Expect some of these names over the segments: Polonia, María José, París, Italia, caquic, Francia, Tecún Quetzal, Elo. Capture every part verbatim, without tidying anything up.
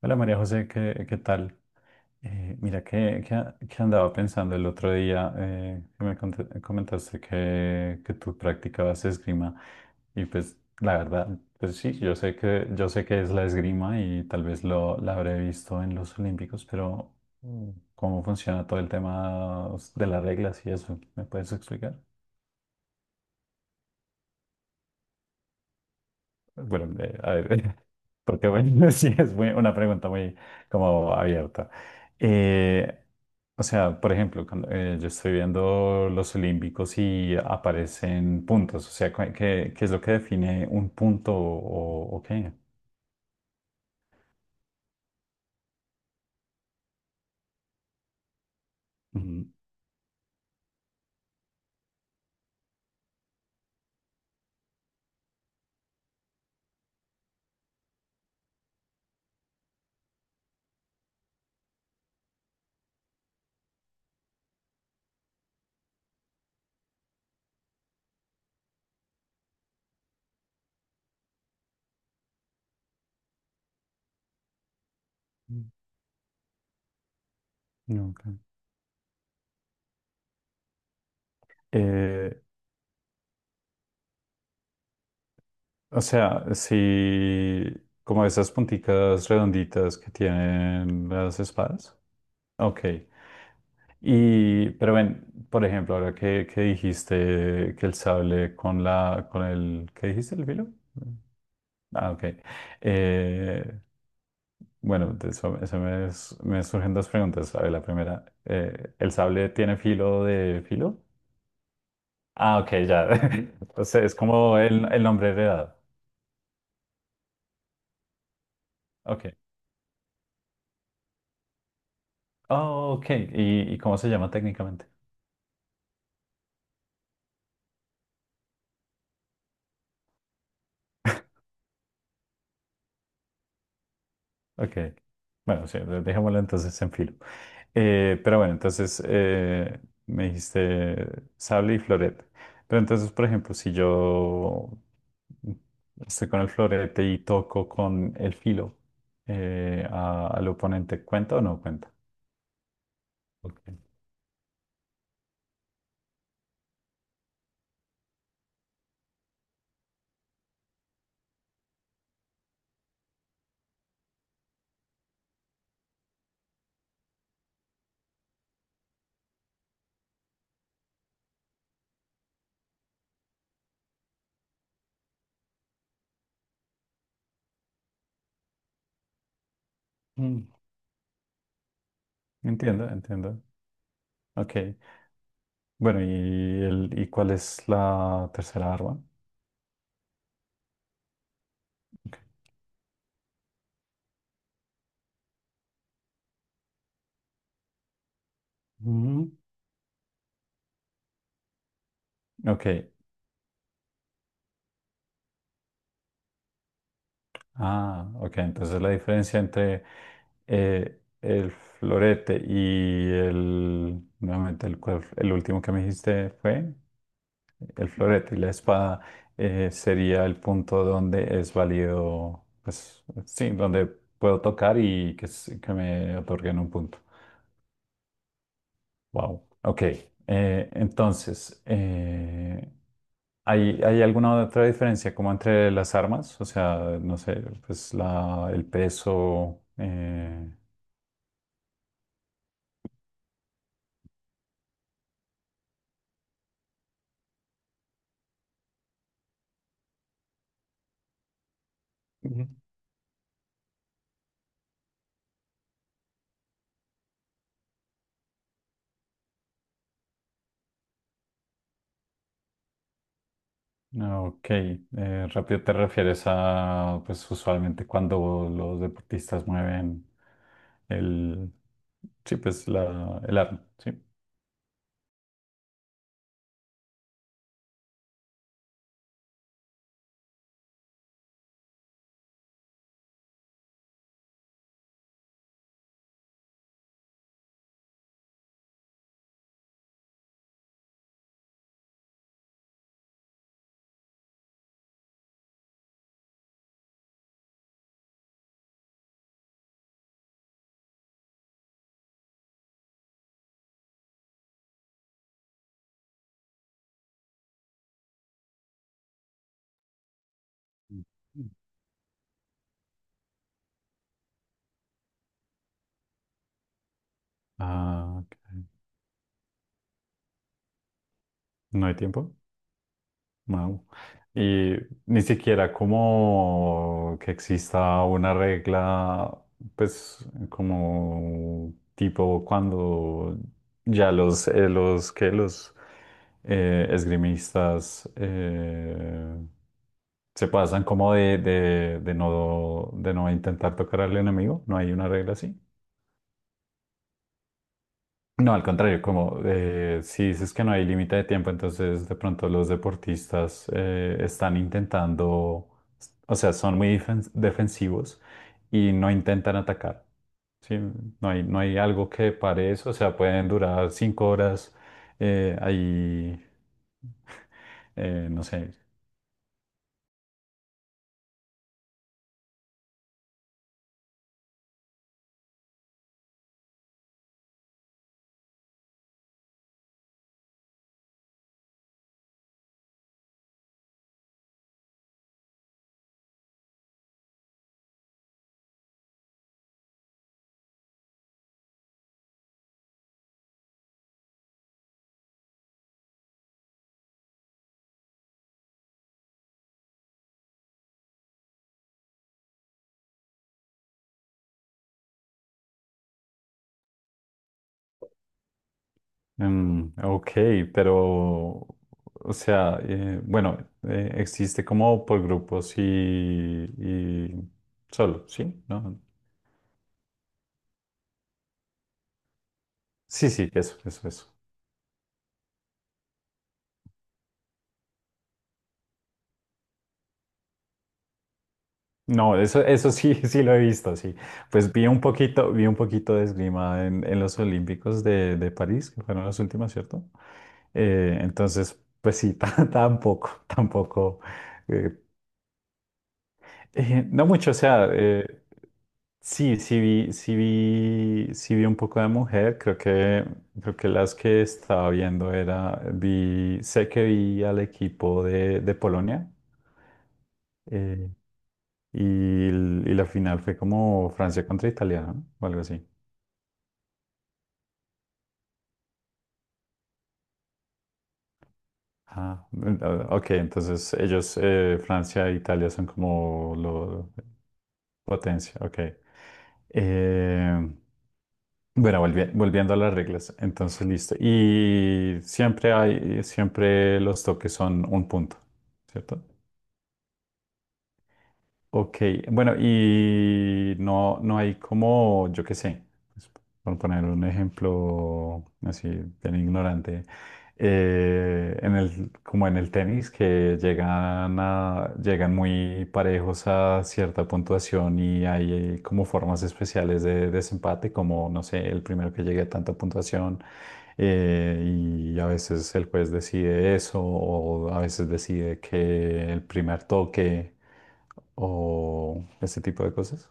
Hola María José, ¿qué, qué tal? Eh, mira, que, que, a- que andaba pensando el otro día, eh, que me conte- comentaste que, que tú practicabas esgrima y pues la verdad, pues sí, yo sé que, yo sé que es la esgrima y tal vez lo, la habré visto en los Olímpicos, pero mm, ¿cómo funciona todo el tema de las reglas y eso? ¿Me puedes explicar? Bueno, eh, a ver, porque bueno, sí, es muy- una pregunta muy como abierta. Eh, o sea, por ejemplo, cuando, eh, yo estoy viendo los olímpicos y aparecen puntos, o sea, cu- ¿qué, qué es lo que define un punto o, o qué? Ujú. No, ok. Eh, o sea, si como esas punticas redonditas que tienen las espadas. Ok. Y, pero ven, por ejemplo, ahora que, que dijiste que el sable con la, con el, ¿qué dijiste? ¿El filo? Ah, ok. Eh, bueno, de eso, eso me, s- me surgen dos preguntas. A ver, la primera, eh, ¿el sable tiene filo de filo? Ah, ok, ya. Entonces es como el, el nombre heredado. Ok. Oh, ok. ¿Y, y cómo se llama técnicamente? Ok. Bueno, sí, de- dejémoslo entonces en filo. Eh, pero bueno, entonces eh, me dijiste sable y florete. Pero entonces, por ejemplo, si yo estoy con el florete y toco con el filo eh, a- al oponente, ¿cuenta o no cuenta? Ok. Mm, Entiendo, entiendo. Ok. Bueno, ¿y, el, y cuál es la tercera arma? Ok. Mm. Ok, ah, ok. Entonces la diferencia entre eh, el florete y el, nuevamente el, cual- el último que me dijiste fue el florete y la espada eh, sería el punto donde es válido, pues sí, donde puedo tocar y que, s- que me otorguen un punto. Wow. Ok. eh, entonces, eh, ¿hay, hay alguna otra diferencia como entre las armas? O sea, no sé, pues la, el peso. eh, Ujú. Ah, ok, eh, rápido te refieres a, pues usualmente cuando los deportistas mueven el, sí, pues la, el arma, ¿sí? Mm. Ah, ok. ¿No hay tiempo? Wow. Y ni siquiera como que exista una regla, pues como tipo cuando ya los, eh, los que los eh, esgrimistas eh, se pasan como de, de, de no, de no intentar tocar al enemigo, no hay una regla así. No, al contrario, como eh, si dices que no hay límite de tiempo, entonces de pronto los deportistas eh, están intentando, o sea, son muy defen- defensivos y no intentan atacar, ¿sí? No hay, no hay algo que pare eso, o sea, pueden durar cinco horas eh, ahí, eh, no sé. Mm, ok, pero, o sea, eh, bueno, eh, existe como por grupos y, y solo, ¿sí? ¿No? Sí, sí, eso, eso, eso. No, eso, eso sí, sí lo he visto, sí. Pues vi un poquito, vi un poquito de esgrima en, en los Olímpicos de, de París, que fueron las últimas, ¿cierto? Eh, entonces, pues sí, ta- tampoco, tampoco, eh, eh, no mucho, o sea, eh, sí, sí vi, sí vi, sí vi un poco de mujer, creo que, creo que las que estaba viendo era, vi, sé que vi al equipo de, de Polonia. Eh, Y, l- y la final fue como Francia contra Italia, ¿no? O algo así. Ah, mm, ah, ok, entonces ellos, eh, Francia e Italia son como lo potencia, ok. Eh, bueno, volvi- volviendo a las reglas, entonces listo. Y siempre hay, siempre los toques son un punto, ¿cierto? Ok, bueno, y no, no hay como, yo qué sé, pues, por poner un ejemplo así bien ignorante, eh, en el, como en el tenis, que llegan a, llegan muy parejos a cierta puntuación y hay como formas especiales de desempate, como, no sé, el primero que llegue a tanta puntuación, eh, y a veces el juez decide eso, o a veces decide que el primer toque o ese tipo de cosas.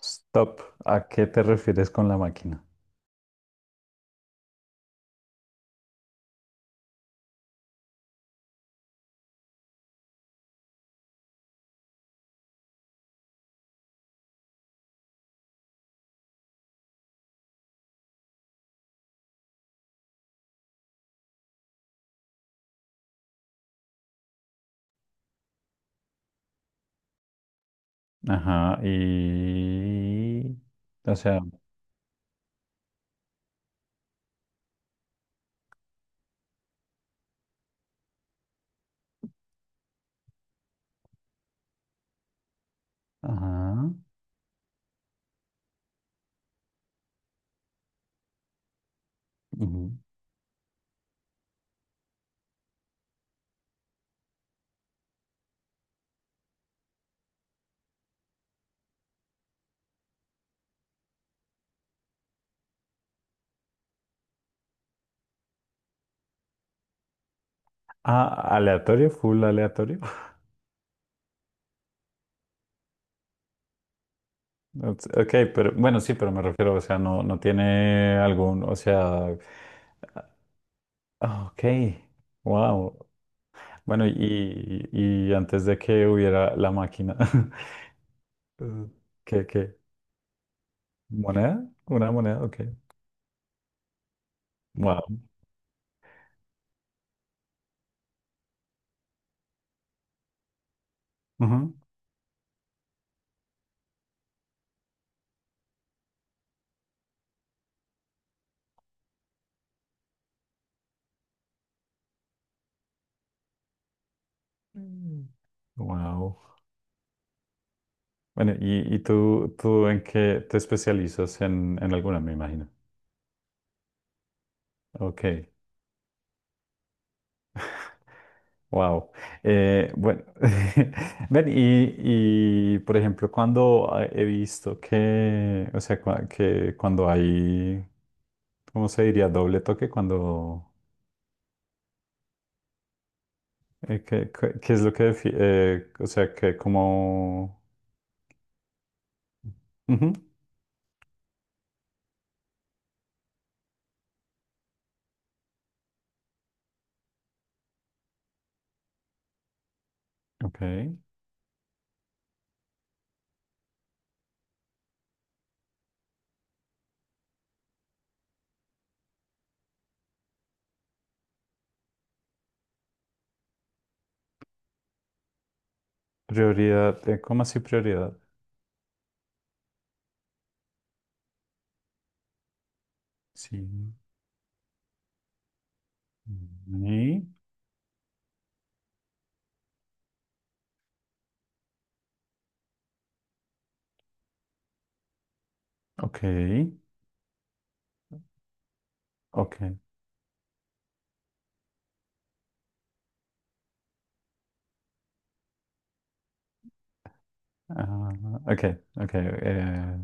Stop. ¿A qué te refieres con la máquina? Ajá, y... O sea, ajá. Ujú. Ah, aleatorio, full aleatorio. Ok, pero bueno, sí, pero me refiero, o sea, no, no tiene algún, o sea, ok, wow. Bueno, y, y antes de que hubiera la máquina, eh, ¿qué, qué? ¿Moneda? ¿Una moneda? Ok, wow. Wow. Bueno, y, y tú, tú en qué te especializas en, en alguna, me imagino. Ok, wow. Bueno, ven, y, y, por ejemplo, cuando ah, he visto que, o sea, cua- que cuando hay, ¿cómo se diría? Doble toque, cuando, eh, ¿qué, qué- qué es lo que, defi- eh, o sea, que como, ujú, ok, prioridad, eh, ¿cómo así prioridad? Sí. Mm, ok. Ok. Ah, ok, ok. eh,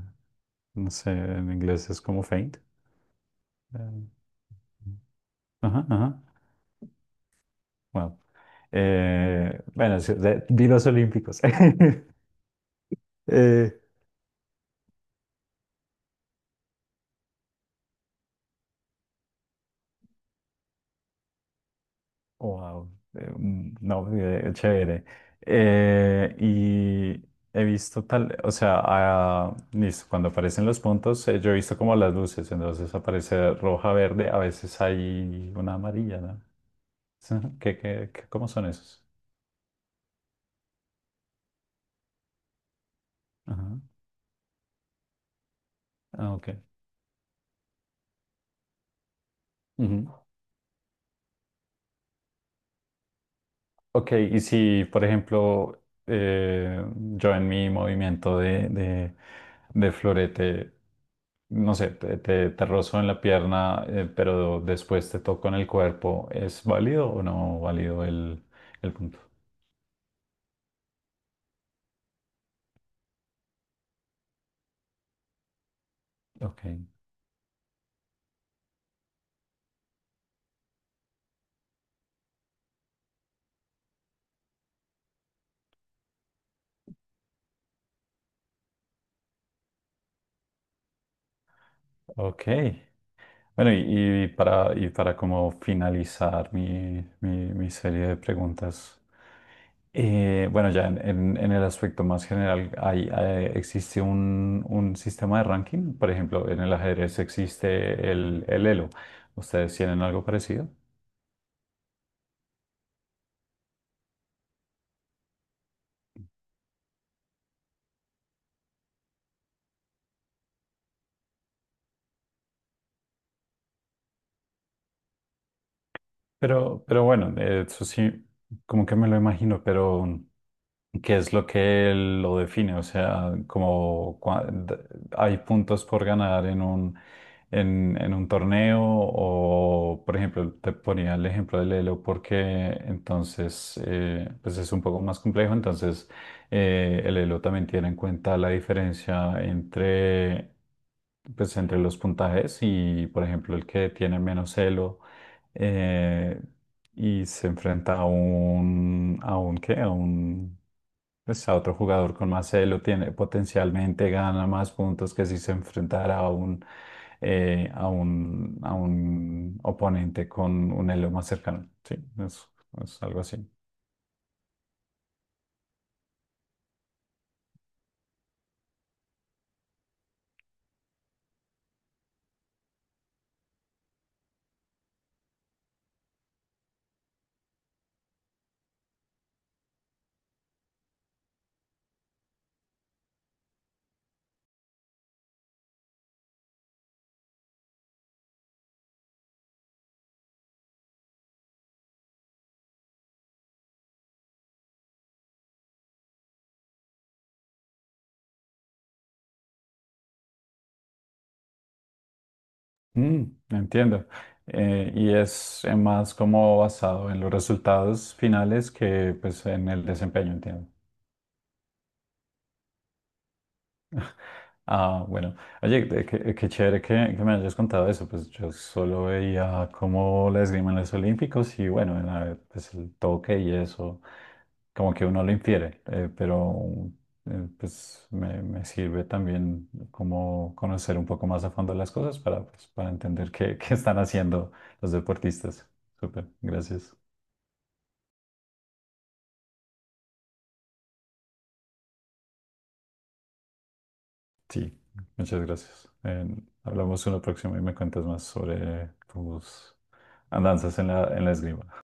no sé, en inglés es como faint. eh, ajá, ajá. Wow. Eh, bueno, sí, de- vi los Olímpicos. Eh, wow. eh, mm, no, eh, chévere. Eh, y he visto tal, o sea, ah, listo, cuando aparecen los puntos, eh, yo he visto como las luces, entonces aparece roja, verde, a veces hay una amarilla, ¿no? ¿Qué, qué, qué- cómo son esos? Ajá. Ah, ok. Ujú. Ok, y si, por ejemplo, eh, yo en mi movimiento de, de, de florete, no sé, te, te, te rozo en la pierna, eh, pero después te toco en el cuerpo, ¿es válido o no válido el, el punto? Ok, ok. Bueno, y, y para, y para como finalizar mi, mi, mi serie de preguntas. Eh, bueno, ya en, en- en el aspecto más general, hay, eh, existe un, un sistema de ranking. Por ejemplo, en el ajedrez existe el, el Elo. ¿Ustedes tienen algo parecido? Pero, pero bueno, eh, eso sí, como que me lo imagino, pero... ¿Qué es lo que lo define? O sea, como cua- d- hay puntos por ganar en un, en, en un torneo o, por ejemplo, te ponía el ejemplo del Elo porque entonces, eh, pues es un poco más complejo, entonces eh, el Elo también tiene en cuenta la diferencia entre, pues, entre los puntajes y, por ejemplo, el que tiene menos Elo y se enfrenta a un, a un, ¿qué? A un, pues a otro jugador con más elo, tiene potencialmente gana más puntos que si se enfrentara a un, eh, a un, a un oponente con un elo más cercano. Sí, es, es algo así. Mm, entiendo. Eh, y es eh, más como basado en los resultados finales que pues en el desempeño, entiendo. Ah, bueno. Oye, eh, qué, eh, qué chévere que, que me hayas contado eso. Pues yo solo veía cómo la esgrima en los Olímpicos y bueno, en la- pues el toque y eso, como que uno lo infiere, eh, pero eh, pues me, me sirve también como conocer un poco más a fondo las cosas para, pues, para entender qué, qué están haciendo los deportistas. Súper, gracias. Sí, muchas gracias. Eh, hablamos una próxima y me cuentas más sobre tus andanzas en la, en la esgrima.